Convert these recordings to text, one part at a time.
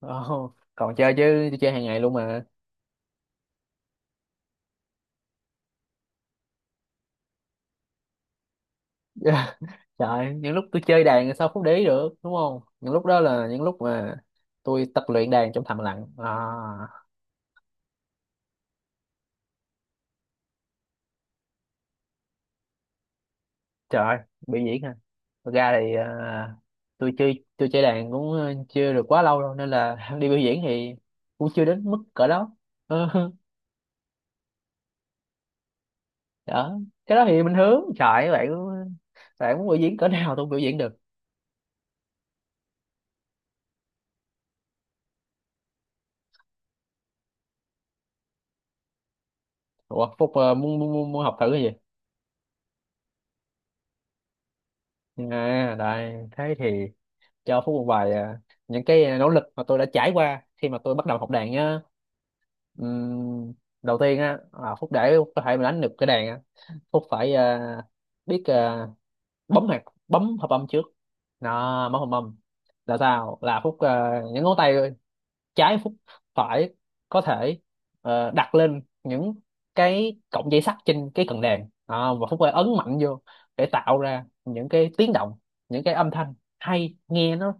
Ồ, còn chơi chứ tôi chơi hàng ngày luôn mà. Trời, những lúc tôi chơi đàn thì sao không để ý được, đúng không? Những lúc đó là những lúc mà tôi tập luyện đàn trong thầm lặng à. Trời, biểu diễn ha. Thật ra thì à, tôi chơi đàn cũng chưa được quá lâu đâu nên là đi biểu diễn thì cũng chưa đến mức cỡ đó. Ờ, đó, cái đó thì bình thường. Trời bạn, bạn muốn biểu diễn cỡ nào tôi cũng biểu diễn được. Ủa Phúc muốn, muốn, muốn muốn học thử cái gì? À, đây thế thì cho Phú một vài à, những cái nỗ lực mà tôi đã trải qua khi mà tôi bắt đầu học đàn nhá. Ừm, đầu tiên á à, Phúc để có thể mà đánh được cái đàn á, Phúc phải à, biết à, bấm hợp âm trước. Đó, bấm hợp âm là sao? Là Phúc à, những ngón tay trái phúc phải có thể đặt lên những cái cọng dây sắt trên cái cần đàn à, và Phúc phải ấn mạnh vô để tạo ra những cái tiếng động, những cái âm thanh hay, nghe nó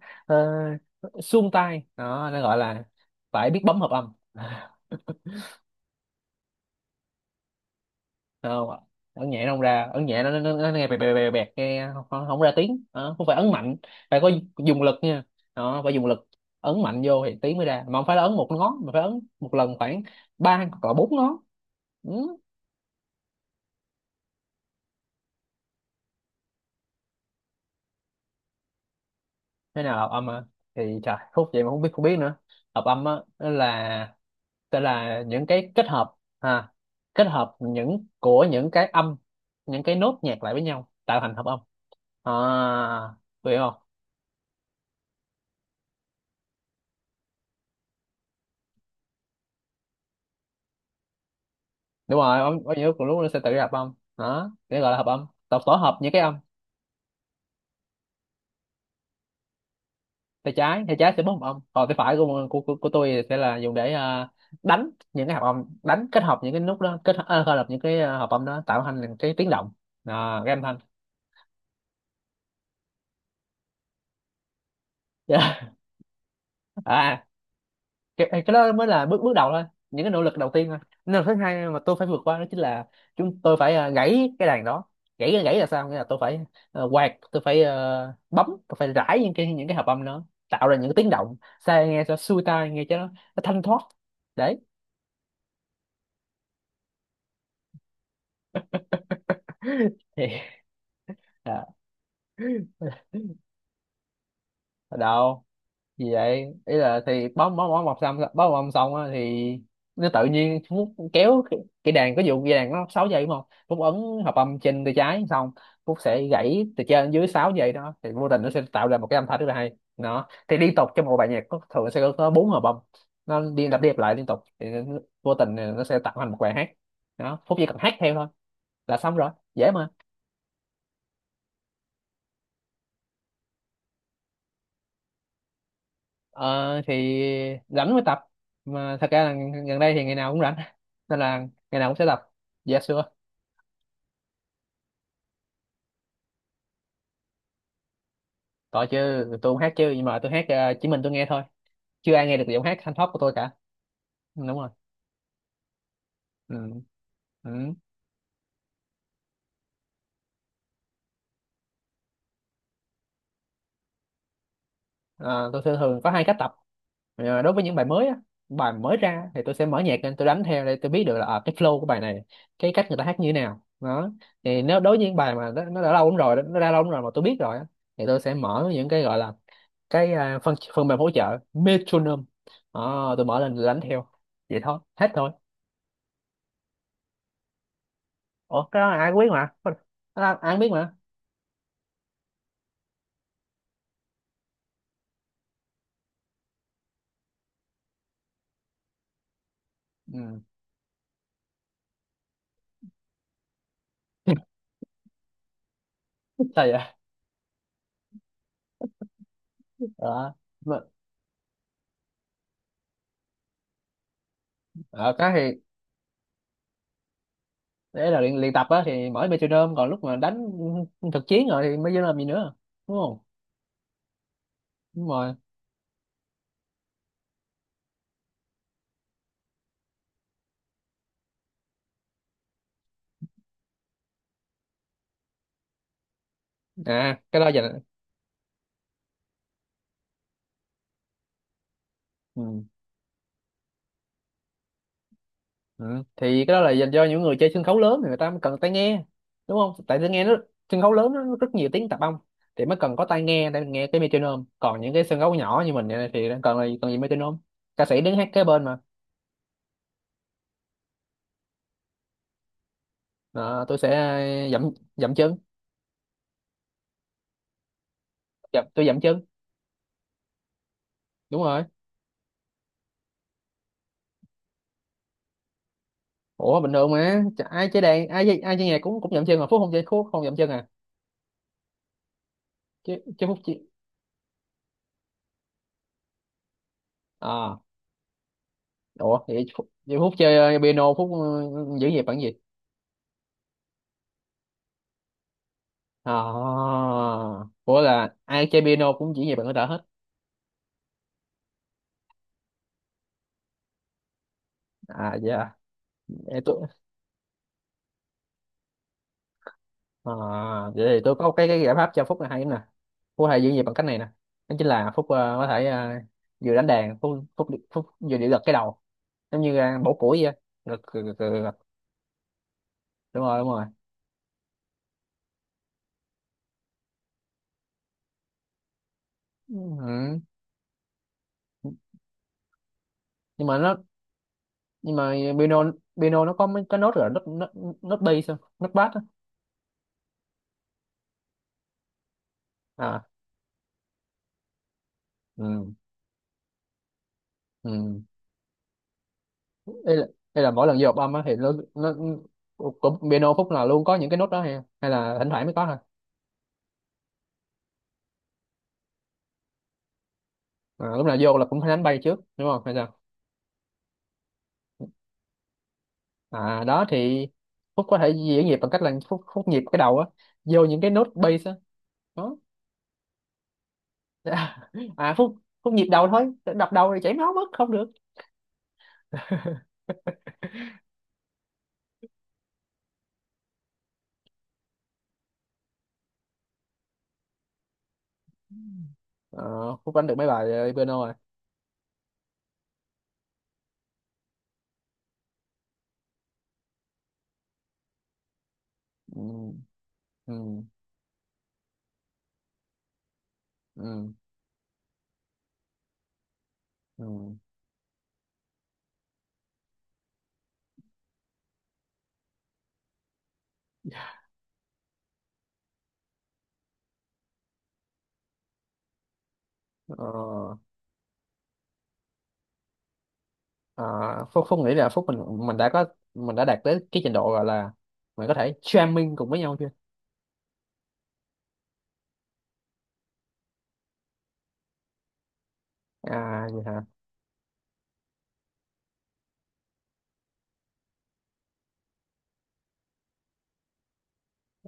tai đó, nó gọi là phải biết bấm hợp âm. Thấy không ạ, ấn nhẹ nó không ra. Ấn nhẹ nó nghe bẹt bẹt bẹt bẹt, nghe không không ra tiếng. Đó, không phải ấn mạnh, phải có dùng lực nha. Đó, phải dùng lực, ấn mạnh vô thì tiếng mới ra, mà không phải là ấn một ngón mà phải ấn một lần khoảng ba hoặc là bốn ngón. Ừ. Thế nào là hợp âm à? Thì trời, khúc vậy mà không biết nữa. Hợp âm á, nó là, tức là những cái kết hợp ha, kết hợp của những cái âm, những cái nốt nhạc lại với nhau tạo thành hợp âm. À, hiểu không? Đúng rồi, âm có nhiều cùng lúc nó sẽ tự hợp âm đó, cái gọi là hợp âm, tập tổ hợp những cái âm. Tay trái, tay trái sẽ bấm hợp âm, còn tay phải của tôi sẽ là dùng để à, đánh những cái hợp âm, đánh kết hợp những cái nút đó, kết à, kết hợp những cái à, hợp âm đó tạo thành cái tiếng động, à, cái âm thanh. À, cái đó mới là bước bước đầu thôi, những cái nỗ lực đầu tiên thôi. Nỗ lực thứ hai mà tôi phải vượt qua đó chính là chúng tôi phải à, gãy cái đàn đó. Gãy, gãy là sao, nghĩa là tôi phải quạt, tôi phải bấm, tôi phải rải những cái hợp âm đó, tạo ra những cái tiếng động sao nghe cho xuôi tai, nghe cho nó thanh thoát. Đấy. Thì à, đâu gì vậy, ý là thì bóng bóng bóng mọc xong bóng bóng xong á, thì nó tự nhiên Phúc kéo cái đàn, có vụ cái đàn nó 6 giây, đúng không? Phúc ấn hợp âm trên tay trái xong, Phúc sẽ gãy từ trên dưới 6 giây đó, thì vô tình nó sẽ tạo ra một cái âm thanh rất là hay. Đó thì liên tục trong một bài nhạc thường sẽ có bốn hợp âm, nó đi lặp lại liên tục thì vô tình nó sẽ tạo thành một bài hát. Đó, Phúc chỉ cần hát theo thôi là xong rồi, dễ mà. Ờ, thì rảnh mới tập, mà thật ra là gần đây thì ngày nào cũng rảnh nên là ngày nào cũng sẽ tập. Dạ xưa tội chứ, tôi không hát chứ, nhưng mà tôi hát chỉ mình tôi nghe thôi, chưa ai nghe được giọng hát thanh thoát của tôi cả. Ừ, đúng rồi. Ừ. Ừ. Ờ, tôi thường thường có hai cách tập. Ờ, đối với những bài mới á, bài mới ra thì tôi sẽ mở nhạc lên tôi đánh theo để tôi biết được là à, cái flow của bài này, cái cách người ta hát như thế nào đó. Thì nếu đối với những bài mà nó đã lâu lắm rồi, nó ra lâu lắm rồi mà tôi biết rồi á, thì tôi sẽ mở những cái gọi là cái à, phần phần mềm hỗ trợ Metronome. Ờ, tôi mở lên tôi đánh theo, vậy thôi, hết thôi. Ủa cái đó là ai cũng biết mà. Cái đó ai cũng biết mà. Ừ. Sao vậy. ờ mà- ờ, cái thì đấy là luyện tập á thì mở Metronome, còn lúc mà đánh thực chiến rồi thì mới vô làm gì nữa, đúng không? Đúng rồi. À cái đó giờ. Ừ. Ừ. Thì cái đó là dành cho những người chơi sân khấu lớn thì người ta mới cần tai nghe, đúng không? Tại tôi nghe nó sân khấu lớn nó rất nhiều tiếng tạp âm thì mới cần có tai nghe để nghe cái metronome. Còn những cái sân khấu nhỏ như mình này thì cần là cần gì metronome. Ca sĩ đứng hát kế bên mà. Ờ, tôi sẽ dậm dậm chân, dậm, tôi dậm chân. Đúng rồi. Ủa bình thường mà ai chơi đàn, ai chơi nhạc cũng cũng dậm chân mà Phúc không chơi, Phúc không dậm chân à? Chứ chứ Phúc chơi à. Ủa vậy vậy Phúc chơi piano, Phúc giữ nhịp bằng gì? À, ủa là ai chơi piano cũng chỉ về bằng cái đỡ hết. À dạ. Để tôi à, vậy thì tôi có cái giải pháp cho Phúc là hay lắm nè. Phúc hay giữ nhịp bằng cách này nè, đó chính là Phúc có thể vừa đánh đàn, Phúc Phúc Phúc vừa điệu gật cái đầu, giống như bổ củi vậy. Gật gật. Đúng rồi, đúng rồi. Ừ. nhưng mà nó nhưng mà piano piano nó có mấy cái nốt, nốt bass không? Nốt bass á. À. Ừ. Ừ. đây là, đây là mỗi lần vô hợp âm á thì nó cũng piano, khúc nào luôn có những cái nốt đó ha, hay là thỉnh thoảng mới có thôi? À, lúc nào vô là cũng phải đánh bay trước đúng không hay sao. À đó thì Phúc có thể diễn nhịp bằng cách là Phúc nhịp cái đầu á, vô những cái nốt bass á. Đó. À Phúc Phúc nhịp đầu thôi, đập đầu thì chảy máu mất, không được. Ờ, Phúc đánh được mấy bài piano rồi. ừ, ừ, ừ, ừ. Ờ. Ờ, Phúc Phúc nghĩ là Phúc mình mình đã có mình đã đạt tới cái trình độ gọi là mình có thể jamming cùng với nhau chưa? À vậy hả.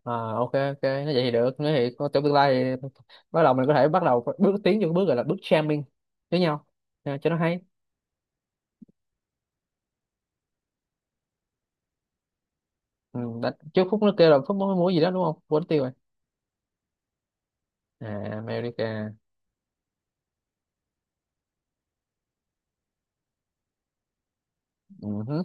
À, ok ok, nói vậy thì được, nói thì có trong tương lai thì bắt đầu, mình có thể bắt đầu bước tiến vô cái bước gọi là bước jamming với nhau. À, cho nó hay. Ừ, đã, trước Phúc nó kêu là Phúc muốn muốn gì đó đúng không, quên tiêu rồi. À America. Ừ, hứ,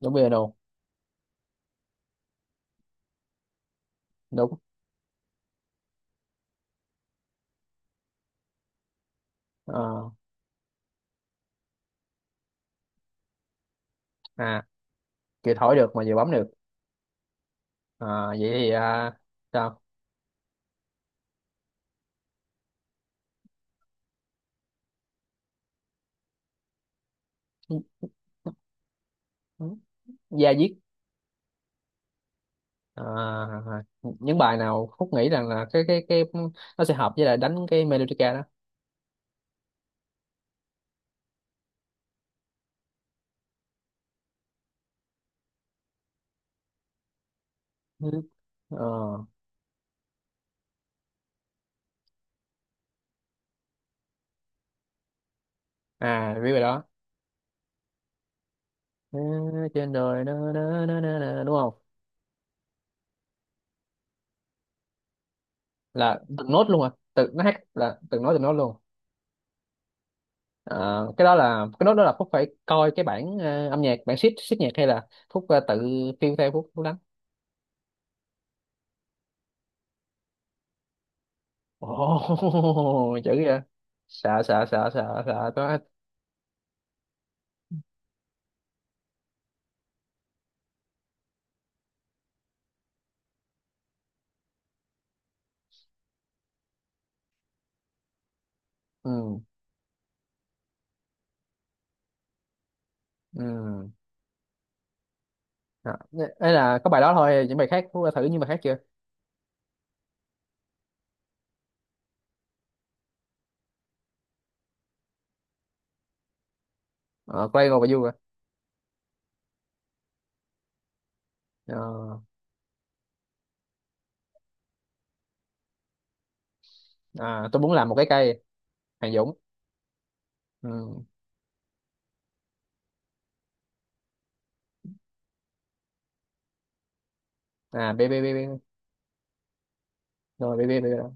đúng piano đúng. Ờ, à kìa, thổi được mà vừa bấm được. À, vậy thì à, sao da diết. À, những bài nào Phúc nghĩ rằng là cái nó sẽ hợp với lại đánh cái melodica đó. Ừ. Ờ, à biết bài đó. Ừ, trên đời đó, đó, đó, đó, đó, đúng không? Là từng nốt luôn à, tự nó hát là từng nốt luôn. Ờ, cái đó là cái nốt đó là Phúc phải coi cái bản âm nhạc, bản sheet sheet nhạc, hay là Phúc tự phiêu theo, Phúc Phúc đánh. Ồ chữ vậy. Sợ sợ sợ sợ sợ có. Ừ. Ừ. Đó. Ấy là có bài đó thôi, những bài khác Phúc đã thử những bài khác chưa? Ờ, Quay ngồi và vui à? Ờ, à, tôi muốn làm một cái cây. Hàng Dũng. Ừ. À bê bê bê bê. Rồi bê bê bê đó.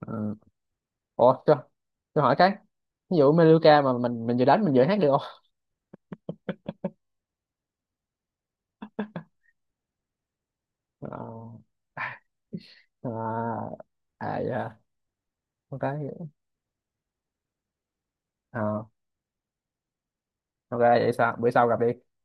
Ừ. ủa tôi, tôi hỏi cái, ví dụ Meluka mà mình vừa đánh mình vừa hát được không? Ờ, à, à dạ ok. Ờ, ok vậy sao bữa sau gặp đi.